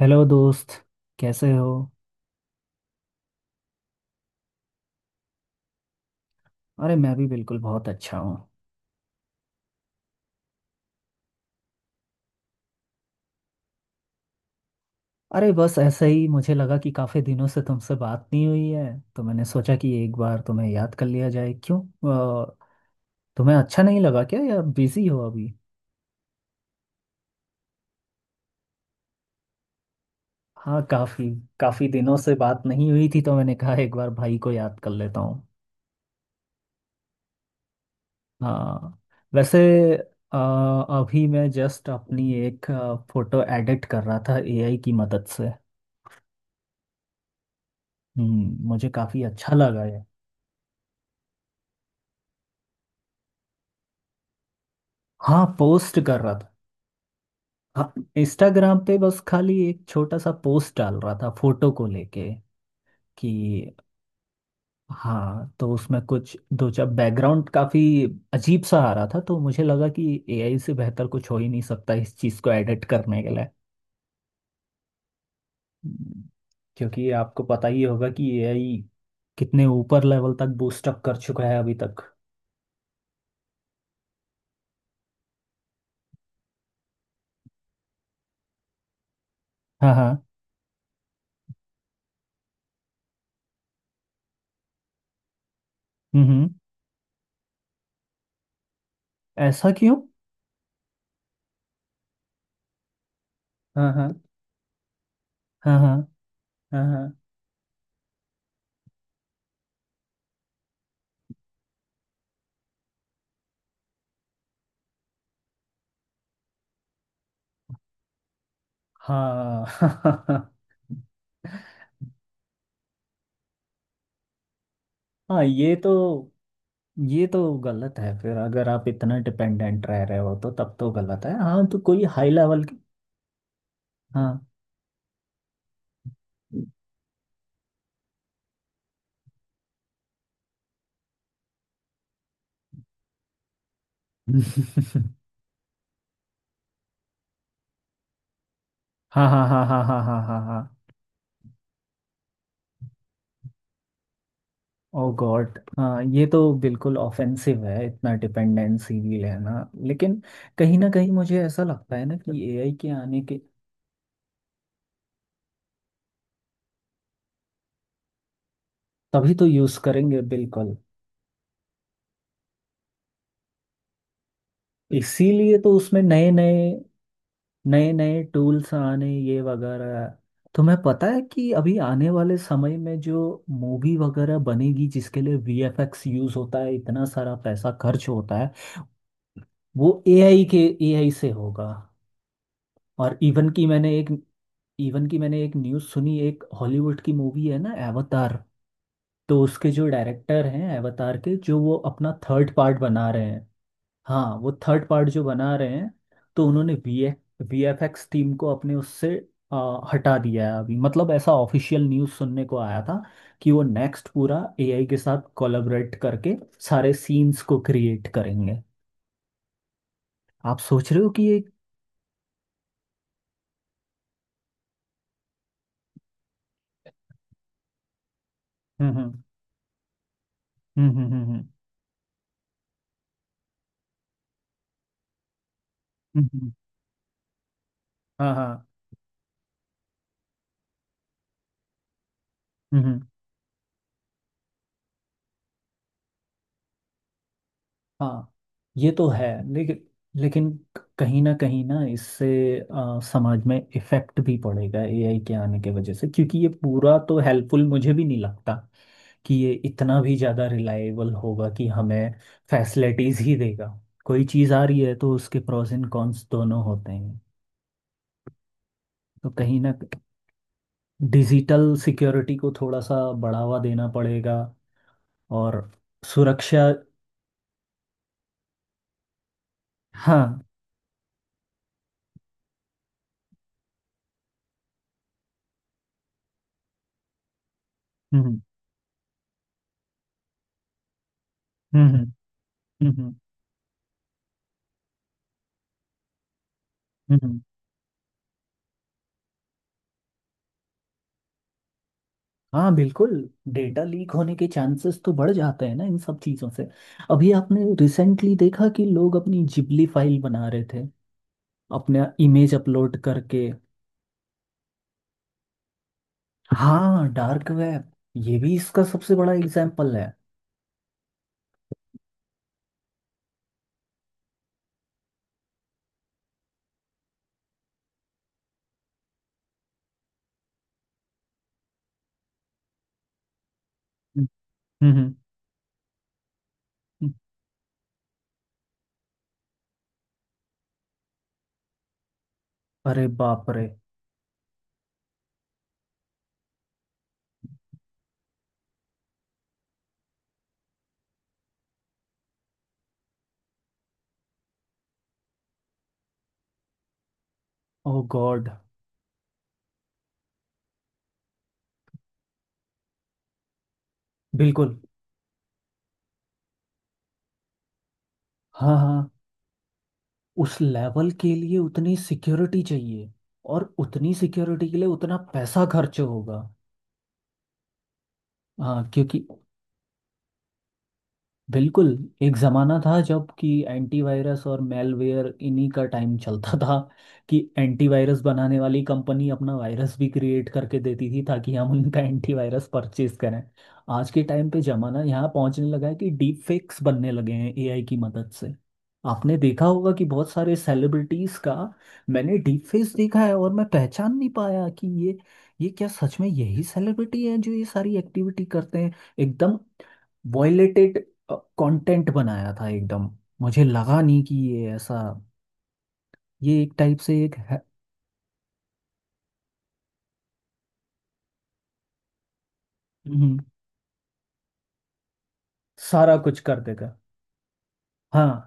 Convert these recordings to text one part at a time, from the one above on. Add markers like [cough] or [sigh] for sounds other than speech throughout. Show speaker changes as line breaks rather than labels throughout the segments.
Hello दोस्त। कैसे हो। अरे मैं भी बिल्कुल बहुत अच्छा हूँ। अरे बस ऐसे ही मुझे लगा कि काफ़ी दिनों से तुमसे बात नहीं हुई है, तो मैंने सोचा कि एक बार तुम्हें याद कर लिया जाए, क्यों। अ, तुम्हें अच्छा नहीं लगा क्या, या बिजी हो अभी। हाँ, काफ़ी काफ़ी दिनों से बात नहीं हुई थी, तो मैंने कहा एक बार भाई को याद कर लेता हूँ। हाँ। वैसे, अ, अभी मैं जस्ट अपनी एक फ़ोटो एडिट कर रहा था एआई की मदद से। हम्म, मुझे काफ़ी अच्छा लगा ये। हाँ, पोस्ट कर रहा था। हाँ, इंस्टाग्राम पे बस खाली एक छोटा सा पोस्ट डाल रहा था फोटो को लेके कि। हाँ, तो उसमें कुछ दो चार बैकग्राउंड काफी अजीब सा आ रहा था, तो मुझे लगा कि एआई से बेहतर कुछ हो ही नहीं सकता इस चीज को एडिट करने के लिए। हम्म। क्योंकि आपको पता ही होगा कि एआई कितने ऊपर लेवल तक बूस्ट अप कर चुका है अभी तक। हाँ हाँ। हम्म। ऐसा क्यों। हाँ हाँ हाँ हाँ हाँ हाँ हाँ। [laughs] हाँ, ये तो, ये तो गलत है फिर। अगर आप इतना डिपेंडेंट रह रहे हो तो तब तो गलत है। हाँ, तो कोई हाई लेवल की। हाँ। [laughs] हाँ हाँ हाँ हाँ हाँ हाँ हाँ हाँ। ओ गॉड, हाँ ये तो बिल्कुल ऑफेंसिव है इतना डिपेंडेंसी भी लेना। लेकिन कहीं ना कहीं मुझे ऐसा लगता है ना कि एआई के आने के, तभी तो यूज़ करेंगे बिल्कुल। इसीलिए तो उसमें नए नए टूल्स आने ये वगैरह। तुम्हें पता है कि अभी आने वाले समय में जो मूवी वगैरह बनेगी जिसके लिए वीएफएक्स यूज होता है, इतना सारा पैसा खर्च होता है। वो एआई के एआई से होगा। और इवन की मैंने एक न्यूज़ सुनी, एक हॉलीवुड की मूवी है ना, एवतार। तो उसके जो डायरेक्टर हैं एवतार के, जो वो अपना थर्ड पार्ट बना रहे हैं। हाँ, वो थर्ड पार्ट जो बना रहे हैं, तो उन्होंने वी वीएफएक्स टीम को अपने उससे हटा दिया है अभी, मतलब ऐसा ऑफिशियल न्यूज़ सुनने को आया था कि वो नेक्स्ट पूरा एआई के साथ कोलैबोरेट करके सारे सीन्स को क्रिएट करेंगे। आप सोच रहे हो कि ये। हम्म हम्म हम्म हम्म हम्म हम्म। हाँ हाँ। हाँ, ये तो है। लेकिन, लेकिन कहीं ना इससे समाज में इफेक्ट भी पड़ेगा एआई के आने के वजह से, क्योंकि ये पूरा तो हेल्पफुल मुझे भी नहीं लगता कि ये इतना भी ज़्यादा रिलायबल होगा कि हमें फैसिलिटीज़ ही देगा। कोई चीज़ आ रही है तो उसके प्रोस एंड कॉन्स दोनों होते हैं। तो कहीं ना, डिजिटल सिक्योरिटी को थोड़ा सा बढ़ावा देना पड़ेगा, और सुरक्षा। हाँ। हम्म हम्म हम्म हम्म हम्म, हम्म। हाँ, बिल्कुल। डेटा लीक होने के चांसेस तो बढ़ जाते हैं ना इन सब चीज़ों से। अभी आपने रिसेंटली देखा कि लोग अपनी जिबली फाइल बना रहे थे अपना इमेज अपलोड करके। हाँ, डार्क वेब, ये भी इसका सबसे बड़ा एग्जाम्पल है। हम्म हम्म, हम्म। अरे बाप रे। ओ गॉड। बिल्कुल। हाँ हाँ। उस लेवल के लिए उतनी सिक्योरिटी चाहिए, और उतनी सिक्योरिटी के लिए उतना पैसा खर्च होगा। हाँ, क्योंकि, बिल्कुल। एक ज़माना था जब कि एंटीवायरस और मेलवेयर इन्हीं का टाइम चलता था कि एंटीवायरस बनाने वाली कंपनी अपना वायरस भी क्रिएट करके देती थी ताकि हम उनका एंटीवायरस परचेज करें। आज के टाइम पे ज़माना यहाँ पहुँचने लगा है कि डीप फेक्स बनने लगे हैं एआई की मदद से। आपने देखा होगा कि बहुत सारे सेलिब्रिटीज़ का, मैंने डीप फेस देखा है और मैं पहचान नहीं पाया कि ये क्या सच में यही सेलिब्रिटी है जो ये सारी एक्टिविटी करते हैं। एकदम वायलेटेड कंटेंट बनाया था एकदम। मुझे लगा नहीं कि ये ऐसा, ये एक टाइप से एक है। हम्म, सारा कुछ कर देगा। हाँ।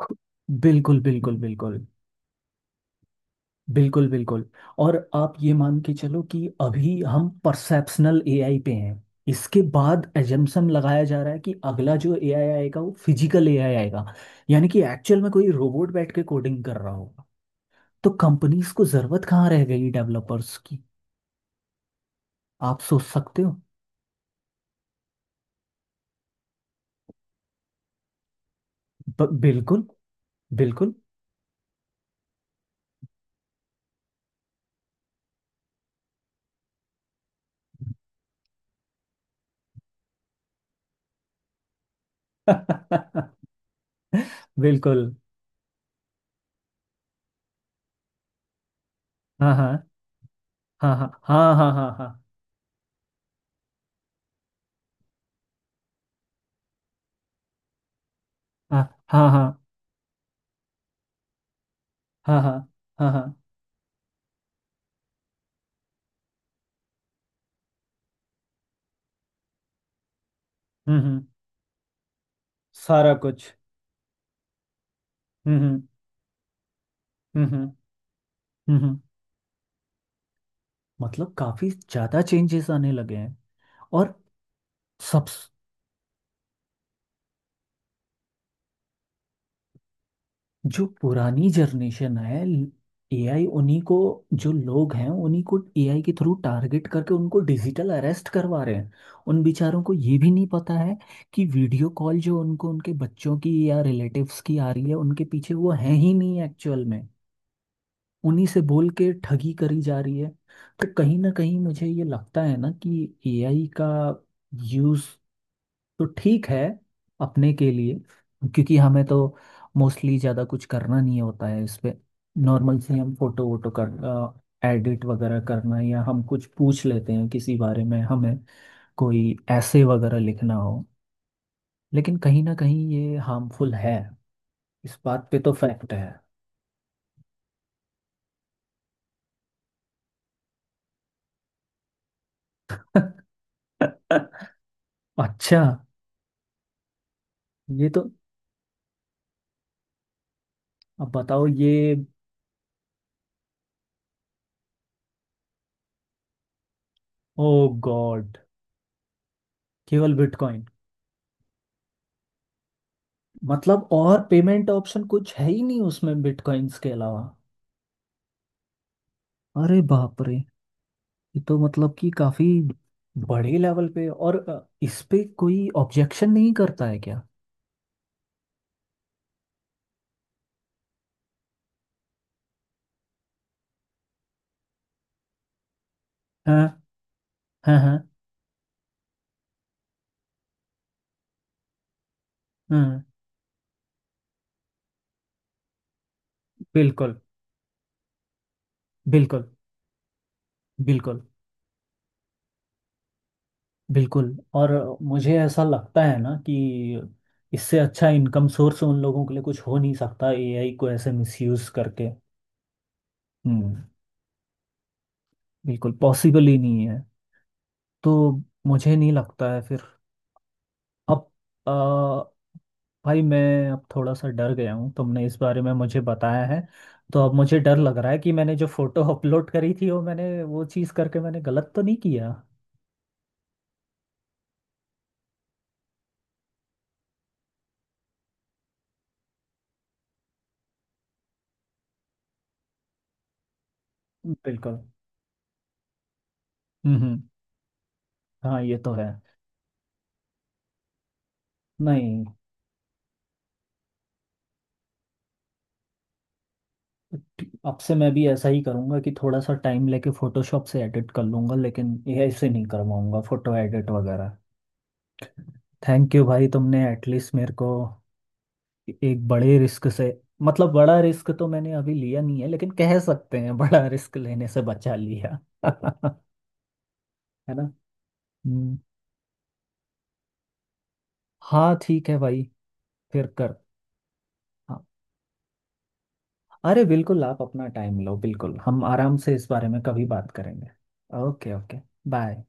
खु- बिल्कुल बिल्कुल बिल्कुल। बिल्कुल बिल्कुल। और आप ये मान के चलो कि अभी हम परसेप्शनल एआई पे हैं। इसके बाद एजम्पशन लगाया जा रहा है कि अगला जो एआई आएगा वो फिजिकल एआई आएगा, यानी कि एक्चुअल में कोई रोबोट बैठ के कोडिंग कर रहा होगा। तो कंपनीज को जरूरत कहाँ रह गई डेवलपर्स की। आप सोच सकते हो। बिल्कुल। बिल्कुल। [laughs] बिल्कुल। हाँ हाँ हाँ हाँ हाँ हाँ हाँ हाँ हाँ हाँ हाँ हाँ हाँ हाँ हाँ। हम्म, सारा कुछ। हम्म हम्म हम्म हम्म हम्म, हम्म। मतलब काफी ज्यादा चेंजेस आने लगे हैं, और सब। जो पुरानी जनरेशन है, एआई उन्हीं को, जो लोग हैं उन्हीं को एआई के थ्रू टारगेट करके उनको डिजिटल अरेस्ट करवा रहे हैं। उन बेचारों को ये भी नहीं पता है कि वीडियो कॉल जो उनको उनके बच्चों की या रिलेटिव्स की आ रही है, उनके पीछे वो है ही नहीं एक्चुअल में। उन्हीं से बोल के ठगी करी जा रही है। तो कहीं ना कहीं मुझे ये लगता है ना कि एआई का यूज़ तो ठीक है अपने के लिए, क्योंकि हमें तो मोस्टली ज़्यादा कुछ करना नहीं होता है इस पे। नॉर्मल से हम फोटो वोटो कर एडिट वगैरह करना, या हम कुछ पूछ लेते हैं किसी बारे में हमें, कोई ऐसे वगैरह लिखना हो। लेकिन कहीं ना कहीं ये हार्मफुल है, इस बात पे तो फैक्ट है। [laughs] अच्छा। ये तो, अब बताओ ये। ओ गॉड, केवल बिटकॉइन। मतलब और पेमेंट ऑप्शन कुछ है ही नहीं उसमें बिटकॉइंस के अलावा। अरे बाप रे। ये तो मतलब कि काफी बड़े लेवल पे। और इस पे कोई ऑब्जेक्शन नहीं करता है क्या। हाँ हाँ। हाँ हाँ। बिल्कुल। बिल्कुल। बिल्कुल। बिल्कुल। और मुझे ऐसा लगता है ना कि इससे अच्छा इनकम सोर्स उन लोगों के लिए कुछ हो नहीं सकता एआई को ऐसे मिसयूज करके। हम्म। बिल्कुल, पॉसिबल ही नहीं है। तो मुझे नहीं लगता है फिर। अब, भाई मैं अब थोड़ा सा डर गया हूँ तुमने इस बारे में मुझे बताया है, तो अब मुझे डर लग रहा है कि मैंने जो फोटो [laughs] अपलोड करी थी, वो मैंने वो चीज़ करके मैंने गलत तो नहीं किया। बिल्कुल। हम्म। हाँ, ये तो है। नहीं, अब से मैं भी ऐसा ही करूँगा कि थोड़ा सा टाइम लेके फोटोशॉप से एडिट कर लूँगा लेकिन ये ऐसे नहीं करवाऊँगा फोटो एडिट वगैरह। थैंक यू भाई, तुमने एटलीस्ट मेरे को एक बड़े रिस्क से, मतलब बड़ा रिस्क तो मैंने अभी लिया नहीं है, लेकिन कह सकते हैं बड़ा रिस्क लेने से बचा लिया [laughs] है ना। हम्म। हाँ ठीक है भाई। फिर कर, हाँ, अरे बिल्कुल आप अपना टाइम लो, बिल्कुल हम आराम से इस बारे में कभी बात करेंगे। Okay okay. बाय।